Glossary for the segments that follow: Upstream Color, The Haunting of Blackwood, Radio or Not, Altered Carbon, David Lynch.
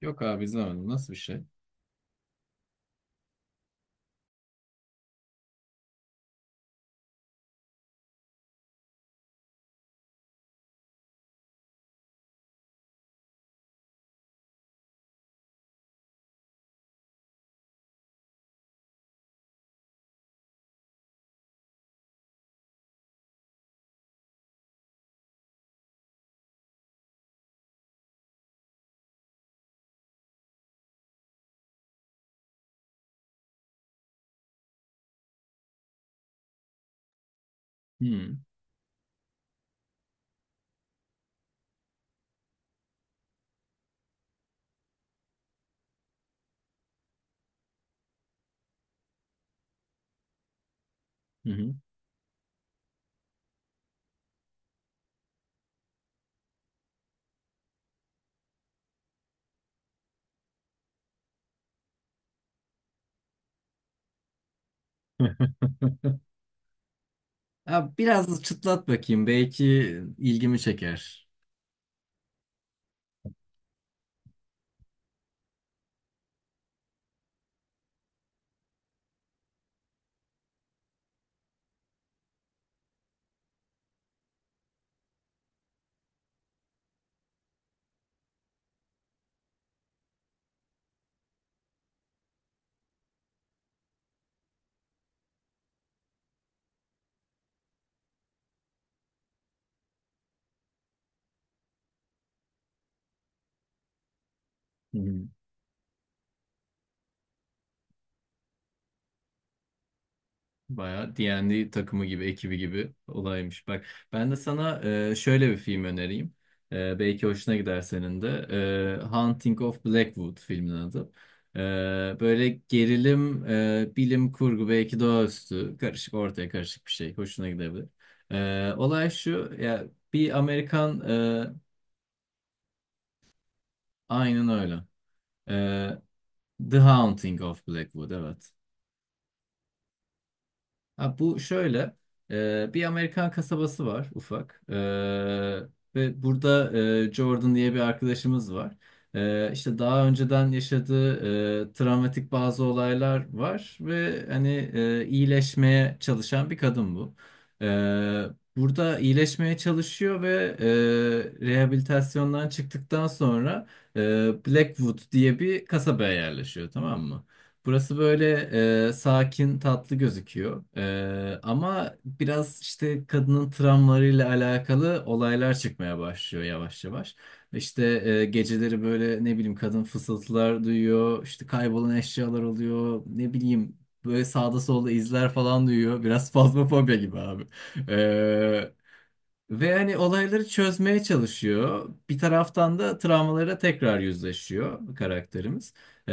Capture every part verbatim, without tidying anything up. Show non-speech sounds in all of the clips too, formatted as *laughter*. Yok abi izlemedim. Nasıl bir şey? Hmm. Hı hı. *laughs* Ya biraz çıtlat bakayım. Belki ilgimi çeker. Hı hı. Bayağı D ve D takımı gibi, ekibi gibi olaymış. Bak ben de sana e, şöyle bir film önereyim. E, belki hoşuna gider senin de. E, Haunting of Blackwood filmin adı. E, Böyle gerilim, e, bilim kurgu, belki doğaüstü, karışık, ortaya karışık bir şey. Hoşuna gidebilir. E, olay şu, ya bir Amerikan, e, aynen öyle. Ee, The Haunting of Blackwood evet. Ha, bu şöyle e, bir Amerikan kasabası var ufak. Ee, ve burada e, Jordan diye bir arkadaşımız var. Ee, işte daha önceden yaşadığı e, travmatik bazı olaylar var ve hani e, iyileşmeye çalışan bir kadın bu. Ee, Burada iyileşmeye çalışıyor ve e, rehabilitasyondan çıktıktan sonra e, Blackwood diye bir kasabaya yerleşiyor, tamam mı? Burası böyle e, sakin, tatlı gözüküyor. E, ama biraz işte kadının travmalarıyla alakalı olaylar çıkmaya başlıyor yavaş yavaş. İşte e, geceleri böyle ne bileyim kadın fısıltılar duyuyor, işte kaybolan eşyalar oluyor, ne bileyim böyle sağda solda izler falan duyuyor. Biraz fazmafobya gibi abi. E, Ve hani olayları çözmeye çalışıyor. Bir taraftan da travmalara tekrar yüzleşiyor karakterimiz. Ee,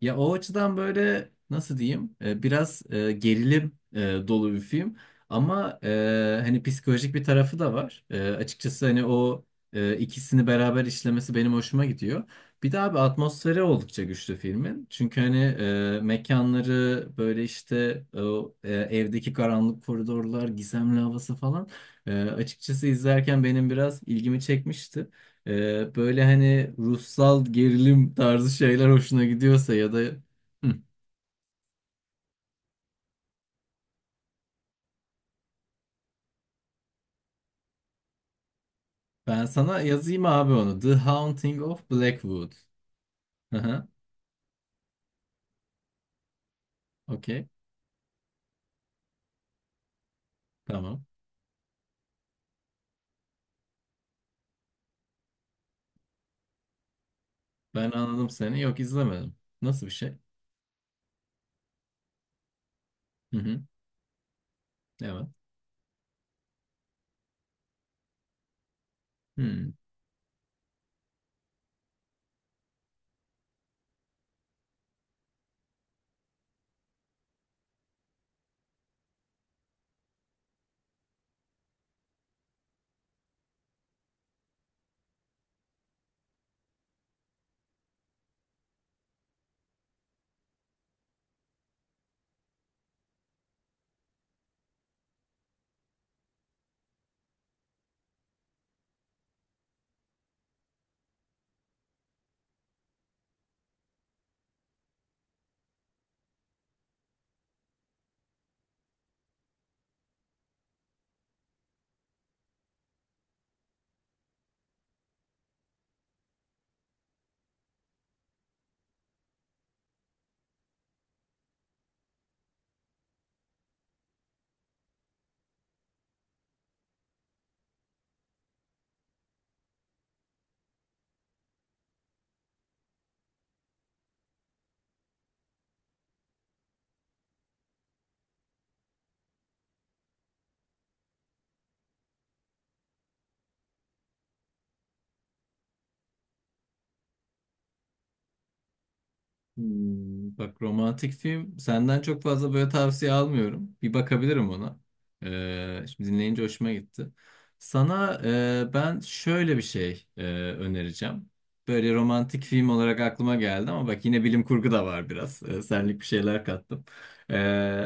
Ya o açıdan böyle nasıl diyeyim? Ee, biraz e, gerilim e, dolu bir film. Ama e, hani psikolojik bir tarafı da var. E, açıkçası hani o e, ikisini beraber işlemesi benim hoşuma gidiyor. Bir de abi atmosferi oldukça güçlü filmin. Çünkü hani e, mekanları böyle işte o, e, evdeki karanlık koridorlar, gizemli havası falan. Ee, açıkçası izlerken benim biraz ilgimi çekmişti. Ee, böyle hani ruhsal gerilim tarzı şeyler hoşuna gidiyorsa ya da Hı. ben sana yazayım abi onu. The Haunting of Blackwood. Hı hı. Okey. Tamam. Ben anladım seni. Yok izlemedim. Nasıl bir şey? Hı hı. Evet. Hı. Hmm, bak romantik film senden çok fazla böyle tavsiye almıyorum. Bir bakabilirim ona. Ee, şimdi dinleyince hoşuma gitti. Sana e, ben şöyle bir şey e, önereceğim. Böyle romantik film olarak aklıma geldi ama bak yine bilim kurgu da var biraz. Ee, senlik bir şeyler kattım. Ee,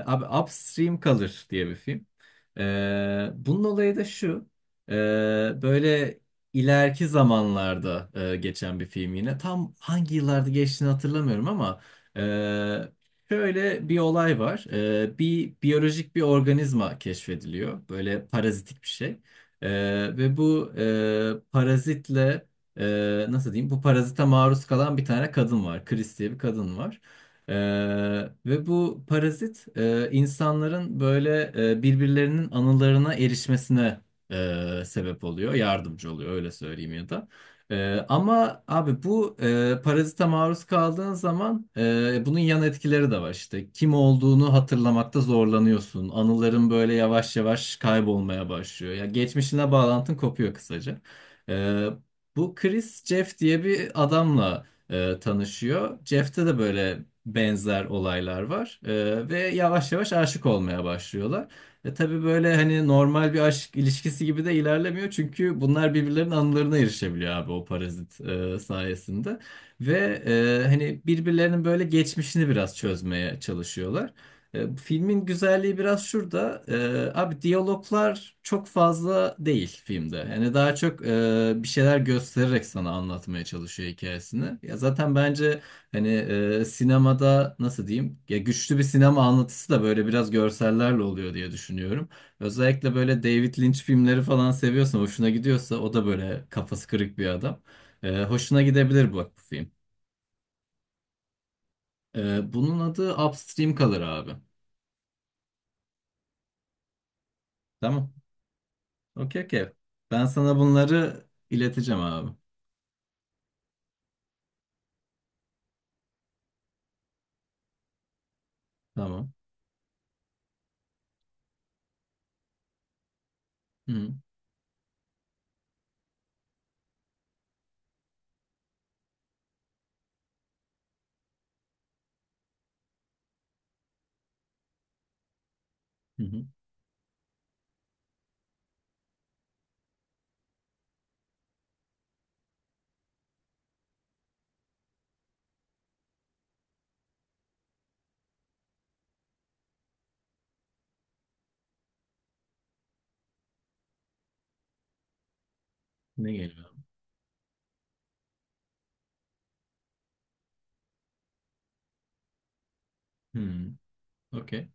Abi Upstream Color diye bir film. Ee, bunun olayı da şu. Ee, Böyle ileriki zamanlarda e, geçen bir film yine. Tam hangi yıllarda geçtiğini hatırlamıyorum ama e, şöyle bir olay var. E, bir biyolojik bir organizma keşfediliyor. Böyle parazitik bir şey. E, Ve bu e, parazitle e, nasıl diyeyim? Bu parazite maruz kalan bir tane kadın var. Chris diye bir kadın var. E, Ve bu parazit e, insanların böyle e, birbirlerinin anılarına erişmesine e, sebep oluyor, yardımcı oluyor öyle söyleyeyim ya da. E, ama abi bu e, parazite maruz kaldığın zaman e, bunun yan etkileri de var işte. Kim olduğunu hatırlamakta zorlanıyorsun. Anıların böyle yavaş yavaş kaybolmaya başlıyor. Ya geçmişine bağlantın kopuyor kısaca. E, Bu Chris Jeff diye bir adamla e, tanışıyor. Jeff'te de böyle benzer olaylar var. E, ve yavaş yavaş aşık olmaya başlıyorlar. E tabii böyle hani normal bir aşk ilişkisi gibi de ilerlemiyor. Çünkü bunlar birbirlerinin anılarına erişebiliyor abi o parazit e, sayesinde. Ve e, hani birbirlerinin böyle geçmişini biraz çözmeye çalışıyorlar. E, filmin güzelliği biraz şurada. E, abi diyaloglar çok fazla değil filmde. Yani daha çok e, bir şeyler göstererek sana anlatmaya çalışıyor hikayesini. Ya zaten bence Hani e, sinemada nasıl diyeyim? Ya güçlü bir sinema anlatısı da böyle biraz görsellerle oluyor diye düşünüyorum. Özellikle böyle David Lynch filmleri falan seviyorsan, hoşuna gidiyorsa o da böyle kafası kırık bir adam. E, hoşuna gidebilir bak bu film. E, bunun adı Upstream kalır abi. Tamam. Okey okey. Ben sana bunları ileteceğim abi. Tamam. Hı hı. hı. Ne geliyor? Hı. Okey.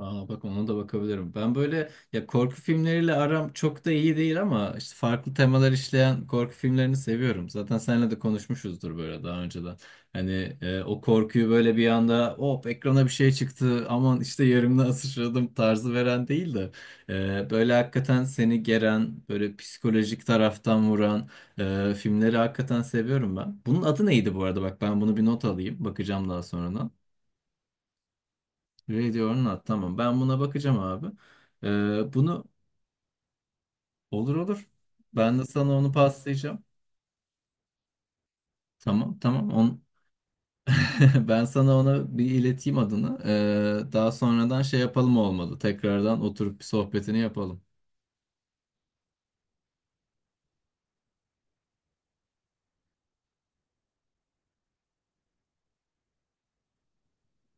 Aa, bak ona da bakabilirim. Ben böyle ya korku filmleriyle aram çok da iyi değil ama işte farklı temalar işleyen korku filmlerini seviyorum. Zaten seninle de konuşmuşuzdur böyle daha önceden. Hani e, o korkuyu böyle bir anda hop ekrana bir şey çıktı aman işte yerimden sıçradım tarzı veren değil de e, böyle hakikaten seni geren böyle psikolojik taraftan vuran e, filmleri hakikaten seviyorum ben. Bunun adı neydi bu arada? Bak ben bunu bir not alayım bakacağım daha sonradan. Radio or Not. Tamam. Ben buna bakacağım abi. Ee, bunu olur olur. Ben de sana onu paslayacağım. Tamam tamam. On... *laughs* ben sana ona bir ileteyim adını. Ee, daha sonradan şey yapalım olmadı. Tekrardan oturup bir sohbetini yapalım.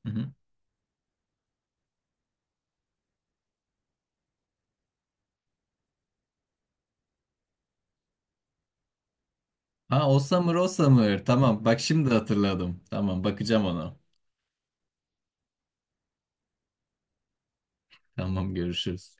Hı hı. Ha, o Summer. Tamam bak şimdi hatırladım. Tamam bakacağım ona. Tamam görüşürüz.